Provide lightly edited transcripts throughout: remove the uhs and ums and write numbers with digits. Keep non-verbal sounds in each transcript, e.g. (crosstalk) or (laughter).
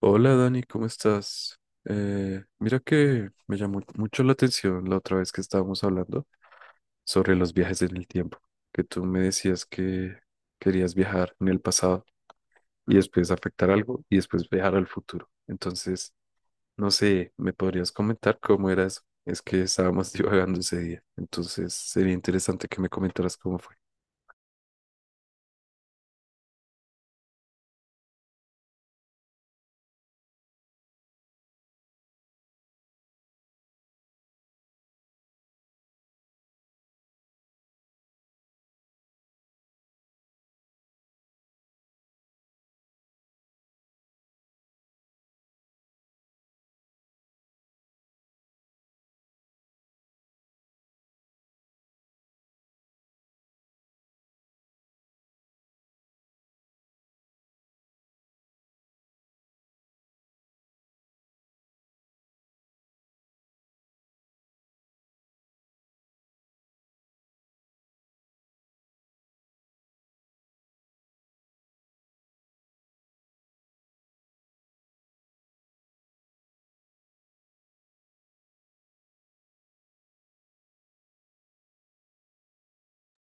Hola Dani, ¿cómo estás? Mira que me llamó mucho la atención la otra vez que estábamos hablando sobre los viajes en el tiempo, que tú me decías que querías viajar en el pasado y después afectar algo y después viajar al futuro. Entonces, no sé, ¿me podrías comentar cómo era eso? Es que estábamos (laughs) divagando ese día, entonces sería interesante que me comentaras cómo fue.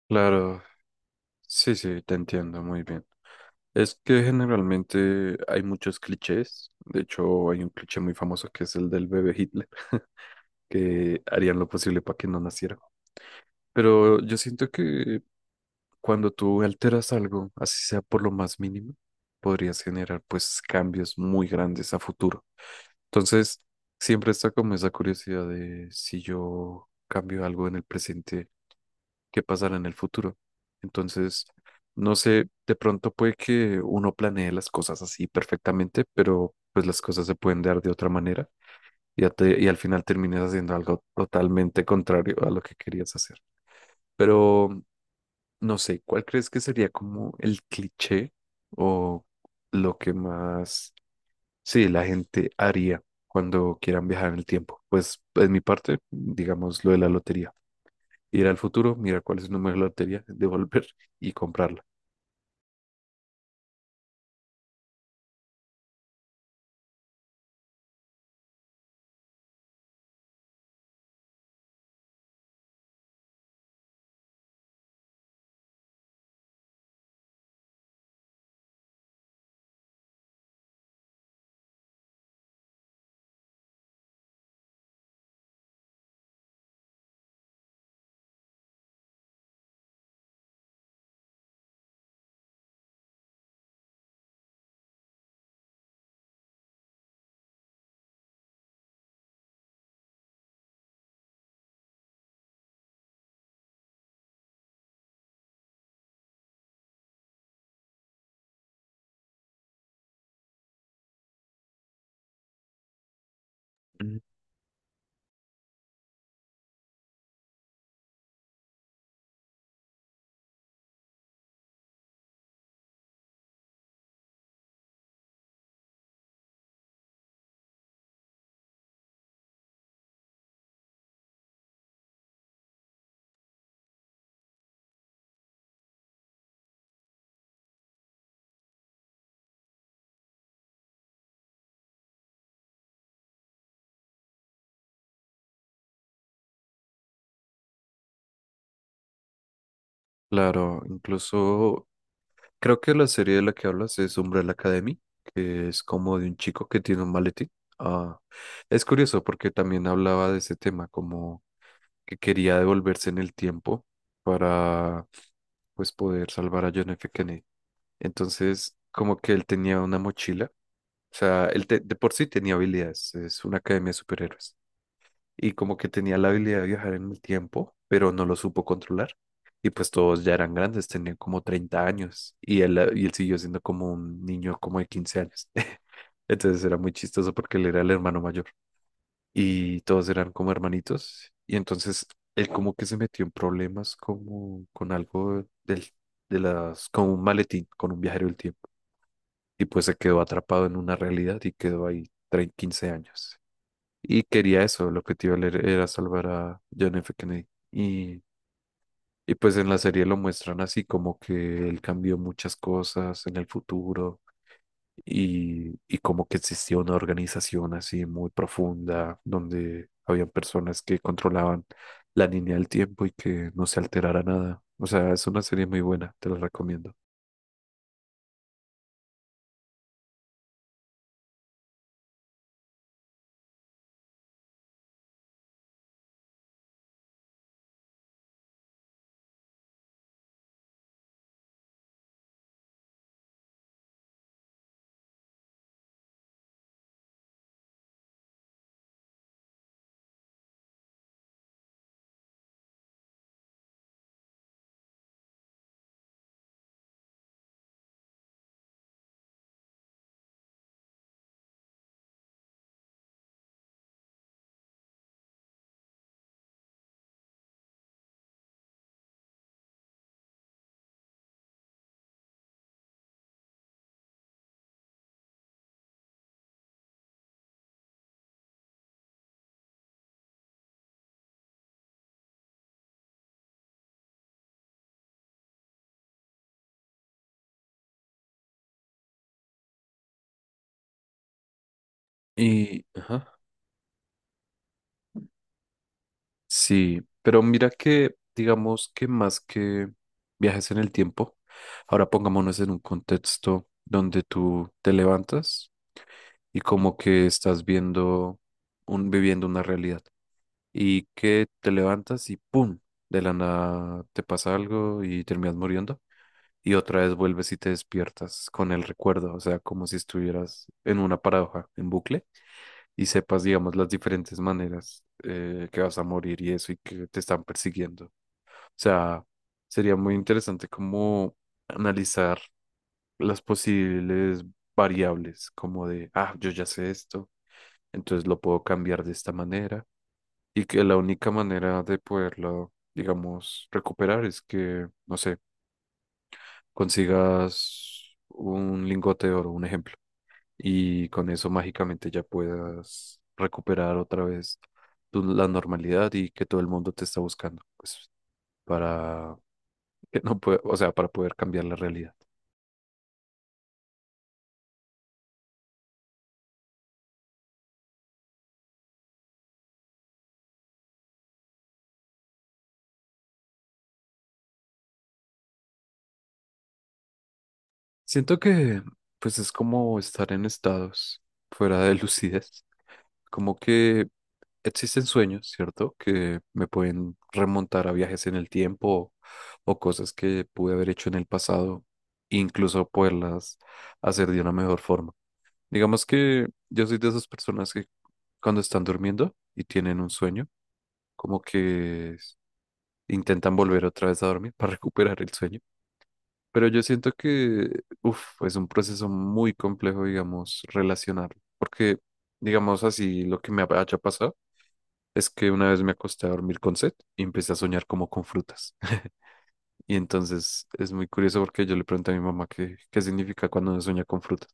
Claro, sí, sí, te entiendo muy bien. Es que generalmente hay muchos clichés. De hecho, hay un cliché muy famoso que es el del bebé Hitler, (laughs) que harían lo posible para que no naciera. Pero yo siento que cuando tú alteras algo, así sea por lo más mínimo, podrías generar pues cambios muy grandes a futuro. Entonces, siempre está como esa curiosidad de si yo cambio algo en el presente que pasará en el futuro. Entonces, no sé, de pronto puede que uno planee las cosas así perfectamente, pero pues las cosas se pueden dar de otra manera y, y al final terminas haciendo algo totalmente contrario a lo que querías hacer. Pero no sé, ¿cuál crees que sería como el cliché o lo que más, sí, la gente haría cuando quieran viajar en el tiempo? Pues, en mi parte, digamos lo de la lotería ir al futuro, mirar cuál es el número de la lotería, (laughs) devolver y comprarla. Mm. Claro, incluso creo que la serie de la que hablas es Umbrella Academy, que es como de un chico que tiene un maletín. Ah, es curioso porque también hablaba de ese tema, como que quería devolverse en el tiempo para pues poder salvar a John F. Kennedy. Entonces, como que él tenía una mochila, o sea, de por sí tenía habilidades, es una academia de superhéroes y como que tenía la habilidad de viajar en el tiempo, pero no lo supo controlar. Y pues todos ya eran grandes, tenían como 30 años y él siguió siendo como un niño como de 15 años. (laughs) Entonces era muy chistoso porque él era el hermano mayor y todos eran como hermanitos. Y entonces él como que se metió en problemas como con algo de las, con un maletín, con un viajero del tiempo. Y pues se quedó atrapado en una realidad y quedó ahí 30, 15 años. Y quería eso, lo que te iba a leer era salvar a John F. Kennedy. Y pues en la serie lo muestran así, como que él cambió muchas cosas en el futuro y como que existía una organización así muy profunda donde habían personas que controlaban la línea del tiempo y que no se alterara nada. O sea, es una serie muy buena, te la recomiendo. Y, ajá. Sí, pero mira que, digamos que más que viajes en el tiempo, ahora pongámonos en un contexto donde tú te levantas y como que estás viendo un, viviendo una realidad y que te levantas y ¡pum! De la nada te pasa algo y terminas muriendo y otra vez vuelves y te despiertas con el recuerdo, o sea, como si estuvieras en una paradoja, en bucle y sepas, digamos, las diferentes maneras que vas a morir y eso y que te están persiguiendo sea, sería muy interesante como analizar las posibles variables, como de, ah, yo ya sé esto, entonces lo puedo cambiar de esta manera. Y que la única manera de poderlo, digamos, recuperar es que, no sé, consigas un lingote de oro, un ejemplo, y con eso mágicamente ya puedas recuperar otra vez la normalidad y que todo el mundo te está buscando, pues, para que no puede, o sea, para poder cambiar la realidad. Siento que pues es como estar en estados fuera de (laughs) lucidez, como que existen sueños, ¿cierto? Que me pueden remontar a viajes en el tiempo o cosas que pude haber hecho en el pasado, incluso poderlas hacer de una mejor forma. Digamos que yo soy de esas personas que cuando están durmiendo y tienen un sueño, como que intentan volver otra vez a dormir (laughs) para recuperar el sueño. Pero yo siento que, uf, es un proceso muy complejo, digamos, relacionar. Porque, digamos así, lo que me haya pasado es que una vez me acosté a dormir con sed y empecé a soñar como con frutas. (laughs) Y entonces es muy curioso porque yo le pregunté a mi mamá qué significa cuando uno sueña con frutas.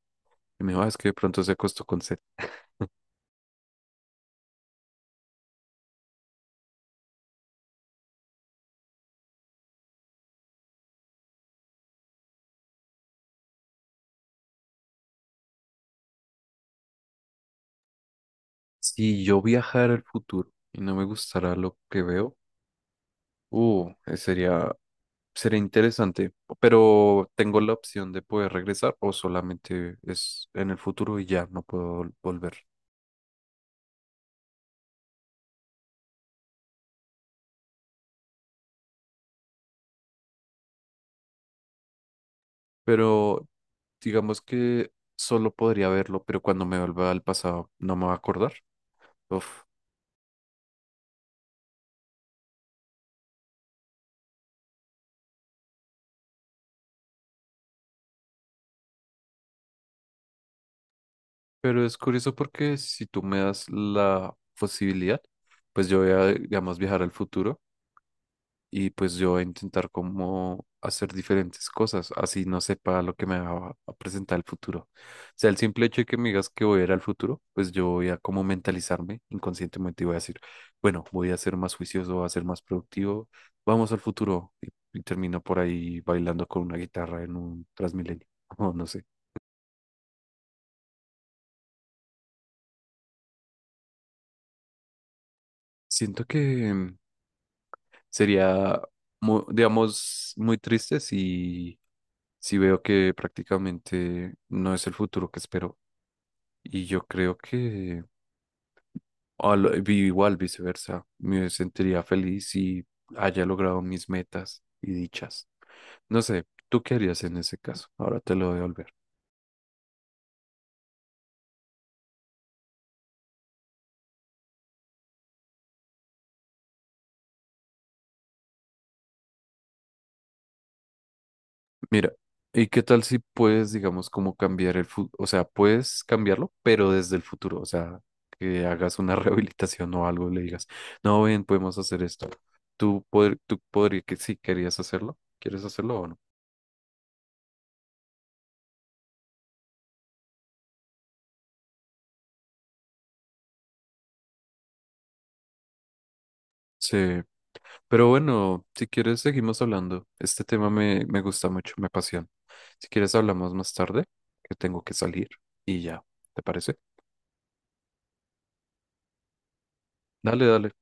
Y me dijo, "Ah, es que de pronto se acostó con sed. Si yo viajara al futuro y no me gustara lo que veo, sería Sería interesante, pero tengo la opción de poder regresar o solamente es en el futuro y ya no puedo volver. Pero digamos que solo podría verlo, pero cuando me vuelva al pasado no me va a acordar. Uf. Pero es curioso porque si tú me das la posibilidad, pues yo voy a, digamos, viajar al futuro y pues yo voy a intentar como hacer diferentes cosas, así no sepa lo que me va a presentar el futuro. O sea, el simple hecho de que me digas que voy a ir al futuro, pues yo voy a como mentalizarme inconscientemente y voy a decir, bueno, voy a ser más juicioso, voy a ser más productivo, vamos al futuro y termino por ahí bailando con una guitarra en un Transmilenio, (laughs) o no sé. Siento que sería, mu- digamos, muy triste si si veo que prácticamente no es el futuro que espero. Y yo creo que igual viceversa, me sentiría feliz si haya logrado mis metas y dichas. No sé, ¿tú qué harías en ese caso? Ahora te lo devolver. Mira, ¿y qué tal si puedes, digamos, como cambiar el futuro? O sea, puedes cambiarlo, pero desde el futuro. O sea, que hagas una (laughs) rehabilitación o algo, le digas, no, ven, podemos hacer esto. ¿Tú, poder, tú podrías que sí querías hacerlo? ¿Quieres hacerlo o no? Sí. Pero bueno, si quieres seguimos hablando. Este tema me gusta mucho, me apasiona. Si quieres hablamos más tarde, que tengo que salir y ya, ¿te parece? Dale, dale.